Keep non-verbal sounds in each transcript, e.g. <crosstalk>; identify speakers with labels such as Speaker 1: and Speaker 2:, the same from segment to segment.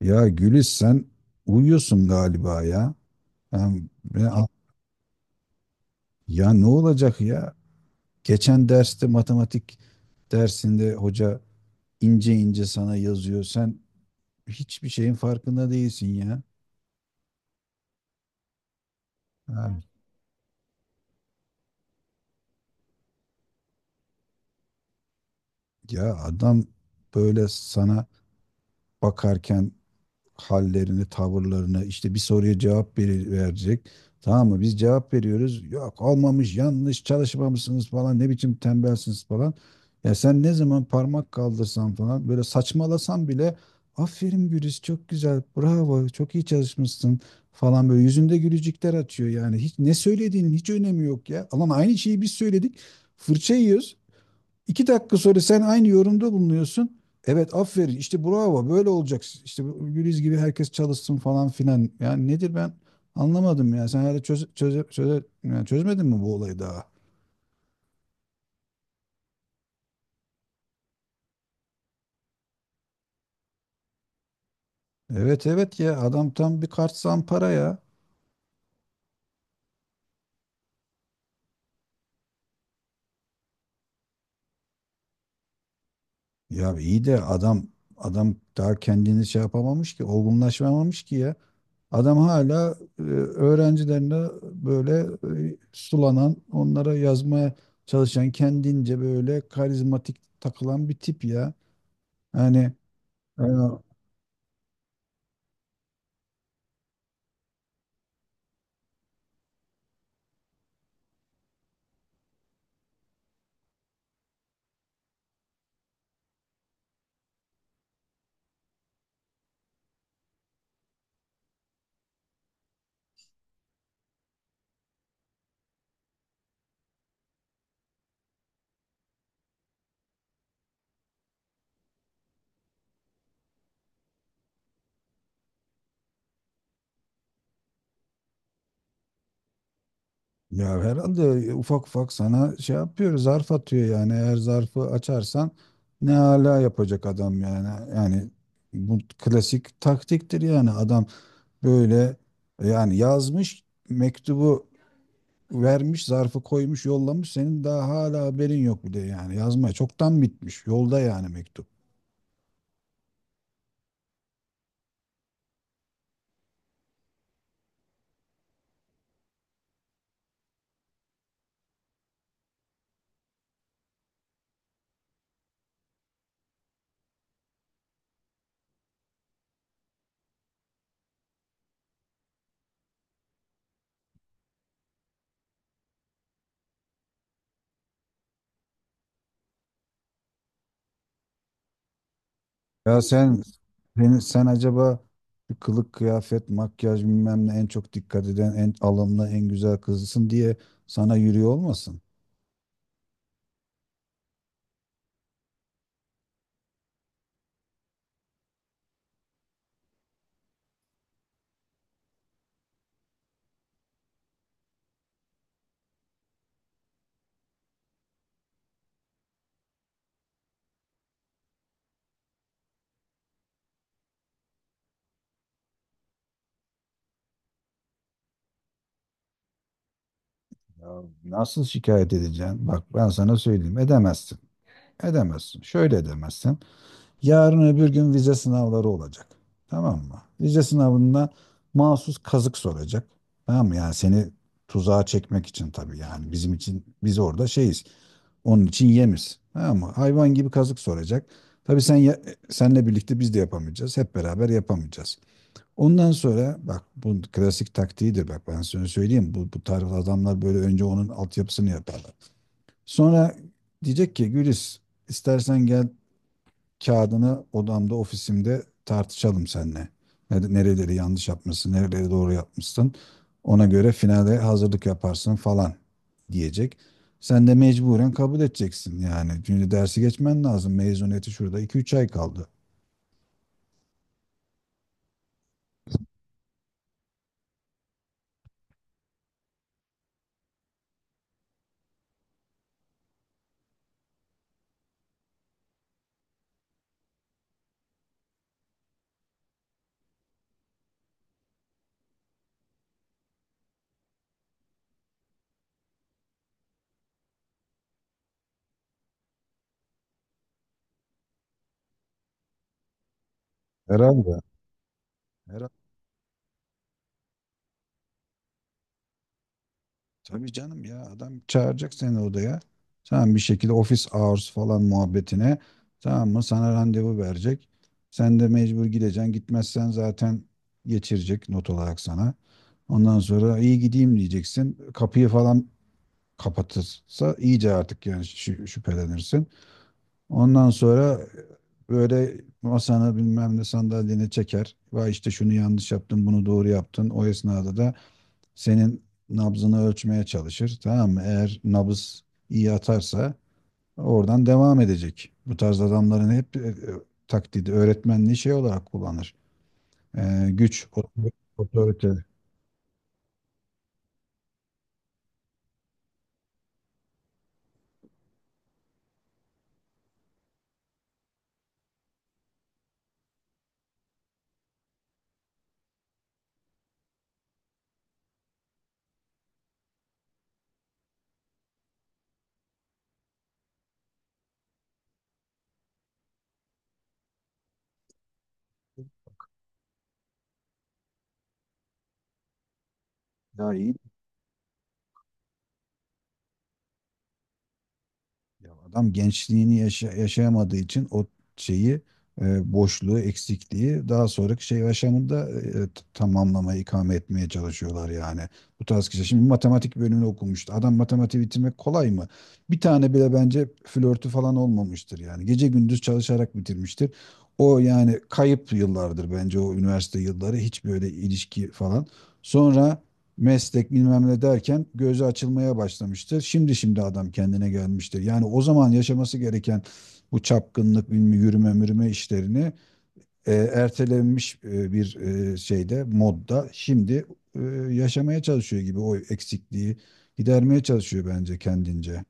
Speaker 1: Ya Gülis sen uyuyorsun galiba ya. Ben- ben- ya ne olacak ya? Geçen derste matematik dersinde hoca ince ince sana yazıyor. Sen hiçbir şeyin farkında değilsin ya. Ha, ya adam böyle sana bakarken hallerini, tavırlarını, işte bir soruya cevap verecek. Tamam mı? Biz cevap veriyoruz. Yok olmamış, yanlış, çalışmamışsınız falan, ne biçim tembelsiniz falan. Ya sen ne zaman parmak kaldırsan falan böyle saçmalasan bile aferin Güliz çok güzel, bravo, çok iyi çalışmışsın falan böyle yüzünde gülücükler açıyor yani. Hiç ne söylediğinin hiç önemi yok ya. Alan aynı şeyi biz söyledik. Fırça yiyoruz. 2 dakika sonra sen aynı yorumda bulunuyorsun. Evet aferin işte bravo böyle olacak. İşte bu Güliz gibi herkes çalışsın falan filan. Yani nedir ben anlamadım ya. Sen hala çöz, yani çözmedin mi bu olayı daha? Evet evet ya adam tam bir kart zampara ya. Ya iyi de adam daha kendini şey yapamamış ki olgunlaşmamış ki ya. Adam hala öğrencilerine böyle sulanan, onlara yazmaya çalışan, kendince böyle karizmatik takılan bir tip ya. Yani e, ya herhalde ufak ufak sana şey yapıyor, zarf atıyor yani. Eğer zarfı açarsan ne hala yapacak adam yani. Yani bu klasik taktiktir yani adam böyle yani yazmış mektubu vermiş, zarfı koymuş, yollamış. Senin daha hala haberin yok bile yani. Yazmaya çoktan bitmiş. Yolda yani mektup. Ya sen acaba şu kılık, kıyafet, makyaj bilmem ne en çok dikkat eden, en alımlı, en güzel kızısın diye sana yürüyor olmasın? Ya nasıl şikayet edeceksin? Bak ben sana söyleyeyim. Edemezsin. Edemezsin. Şöyle edemezsin. Yarın öbür gün vize sınavları olacak. Tamam mı? Vize sınavında mahsus kazık soracak. Tamam mı? Yani seni tuzağa çekmek için tabii yani bizim için biz orada şeyiz. Onun için yemiz. Tamam mı? Hayvan gibi kazık soracak. Tabii sen senle birlikte biz de yapamayacağız. Hep beraber yapamayacağız. Ondan sonra bak bu klasik taktiğidir bak ben sana söyleyeyim. Bu tarz adamlar böyle önce onun altyapısını yaparlar. Sonra diyecek ki Gülis istersen gel kağıdını odamda, ofisimde tartışalım seninle. Nereleri yanlış yapmışsın, nereleri doğru yapmışsın. Ona göre finale hazırlık yaparsın falan diyecek. Sen de mecburen kabul edeceksin yani. Çünkü dersi geçmen lazım. Mezuniyeti şurada 2-3 ay kaldı. Herhalde. Herhalde. Tabii canım ya adam çağıracak seni odaya. Tamam bir şekilde office hours falan muhabbetine. Tamam mı? Sana randevu verecek. Sen de mecbur gideceksin. Gitmezsen zaten geçirecek not olarak sana. Ondan sonra iyi gideyim diyeceksin. Kapıyı falan kapatırsa iyice artık yani şüphelenirsin. Ondan sonra böyle masanı bilmem ne sandalyeni çeker. Vay işte şunu yanlış yaptın, bunu doğru yaptın. O esnada da senin nabzını ölçmeye çalışır. Tamam mı? Eğer nabız iyi atarsa oradan devam edecek. Bu tarz adamların hep taktiği öğretmenliği şey olarak kullanır. Güç, otorite. Ya iyi Ya adam gençliğini yaşayamadığı için o şeyi boşluğu, eksikliği daha sonraki şey yaşamında tamamlamaya, ikame etmeye çalışıyorlar yani. Bu tarz kişi. Şimdi matematik bölümünü okumuştu. Adam matematiği bitirmek kolay mı? Bir tane bile bence flörtü falan olmamıştır yani. Gece gündüz çalışarak bitirmiştir. O yani kayıp yıllardır bence o üniversite yılları. Hiç böyle ilişki falan. Sonra meslek bilmem ne derken gözü açılmaya başlamıştır. Şimdi adam kendine gelmiştir. Yani o zaman yaşaması gereken bu çapkınlık, bilmem yürüme mürüme işlerini ertelenmiş bir şeyde, modda şimdi e, yaşamaya çalışıyor gibi o eksikliği gidermeye çalışıyor bence kendince.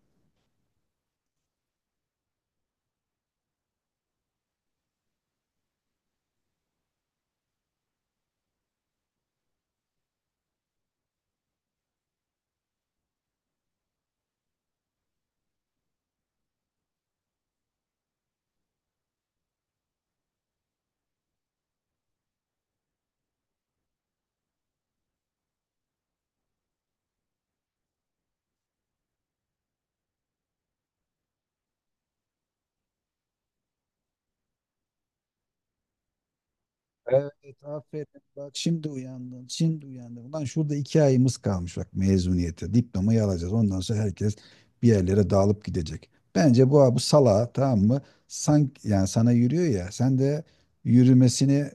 Speaker 1: Evet, aferin. Bak şimdi uyandın, şimdi uyandın. Ulan şurada 2 ayımız kalmış bak mezuniyete. Diplomayı alacağız. Ondan sonra herkes bir yerlere dağılıp gidecek. Bence bu sala tamam mı? Sanki yani sana yürüyor ya. Sen de yürümesini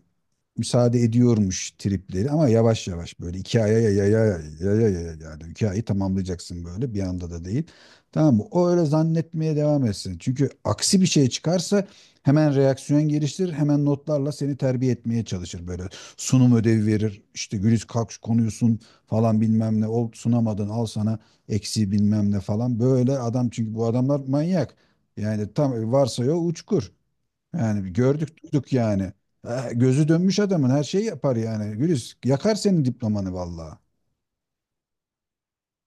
Speaker 1: müsaade ediyormuş tripleri ama yavaş yavaş böyle 2 aya ya ya ya ya ya ya yani 2 ayı tamamlayacaksın böyle bir anda da değil. Tamam mı? O öyle zannetmeye devam etsin. Çünkü aksi bir şey çıkarsa hemen reaksiyon geliştirir, hemen notlarla seni terbiye etmeye çalışır böyle. Sunum ödevi verir, işte Güliz kalk şu konuyu sun falan bilmem ne, ol sunamadın al sana eksi bilmem ne falan. Böyle adam çünkü bu adamlar manyak. Yani tam varsa ya uçkur. Yani bir gördük duyduk yani. Ha, gözü dönmüş adamın her şeyi yapar yani. Güliz yakar senin diplomanı vallahi.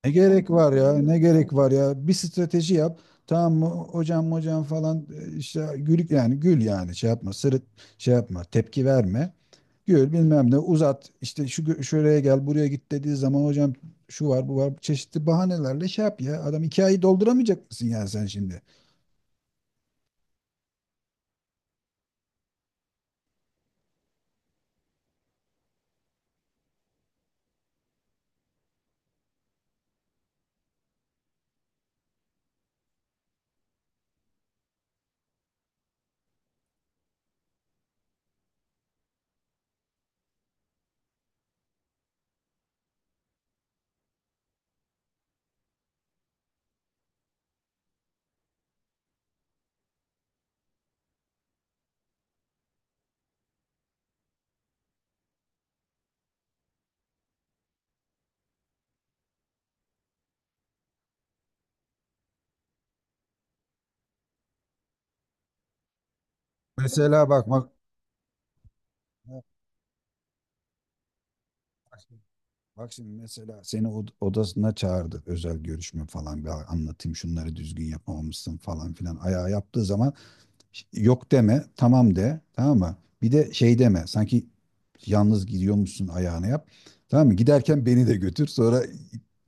Speaker 1: Ne gerek var ya ne gerek var ya bir strateji yap. Tamam mı hocam hocam falan işte gül yani gül yani şey yapma sırıt şey yapma tepki verme. Gör bilmem ne uzat işte şu şuraya gel buraya git dediği zaman hocam şu var bu var çeşitli bahanelerle şey yap ya adam 2 ayı dolduramayacak mısın yani sen şimdi? Mesela bak bak bak şimdi bak şimdi mesela seni odasına çağırdı özel görüşme falan bir anlatayım şunları düzgün yapamamışsın falan filan ayağa yaptığı zaman yok deme, tamam de, tamam mı? Bir de şey deme, sanki yalnız gidiyormuşsun ayağını yap. Tamam mı? Giderken beni de götür, sonra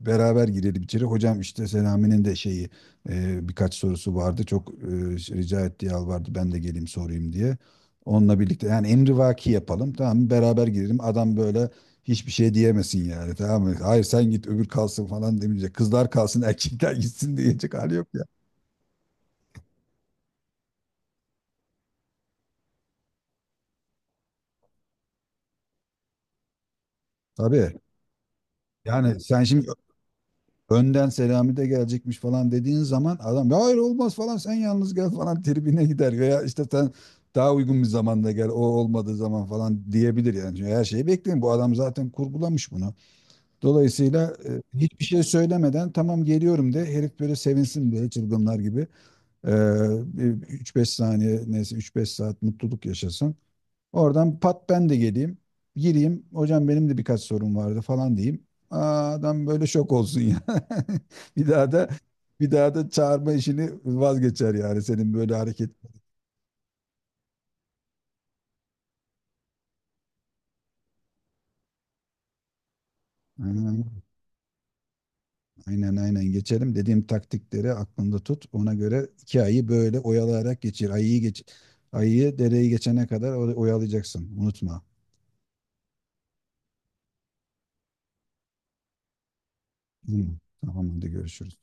Speaker 1: beraber girelim içeri. Hocam işte Selami'nin de şeyi birkaç sorusu vardı. Çok rica etti, vardı, ben de geleyim sorayım diye. Onunla birlikte yani emrivaki yapalım, tamam mı? Beraber girelim. Adam böyle hiçbir şey diyemesin yani, tamam mı? Hayır sen git öbür kalsın falan demeyecek. Kızlar kalsın erkekler gitsin diyecek hali yok ya. Tabii. Yani sen şimdi önden Selami de gelecekmiş falan dediğin zaman adam "Ya hayır olmaz falan sen yalnız gel falan" <laughs> tribine gider veya işte sen daha uygun bir zamanda gel o olmadığı zaman falan diyebilir yani. Çünkü her şeyi bekleyin bu adam zaten kurgulamış bunu. Dolayısıyla hiçbir şey söylemeden tamam geliyorum de herif böyle sevinsin diye çılgınlar gibi e, 3-5 saniye neyse 3-5 saat mutluluk yaşasın. Oradan pat ben de geleyim. Gireyim. Hocam benim de birkaç sorum vardı falan diyeyim. Aa, adam böyle şok olsun ya. <laughs> Bir daha da bir daha da çağırma işini vazgeçer yani senin böyle hareket. Aynen aynen aynen. Geçelim. Dediğim taktikleri aklında tut. Ona göre 2 ayı böyle oyalayarak geçir. Ayıyı dereyi geçene kadar oyalayacaksın. Unutma. Hı, tamam hadi görüşürüz.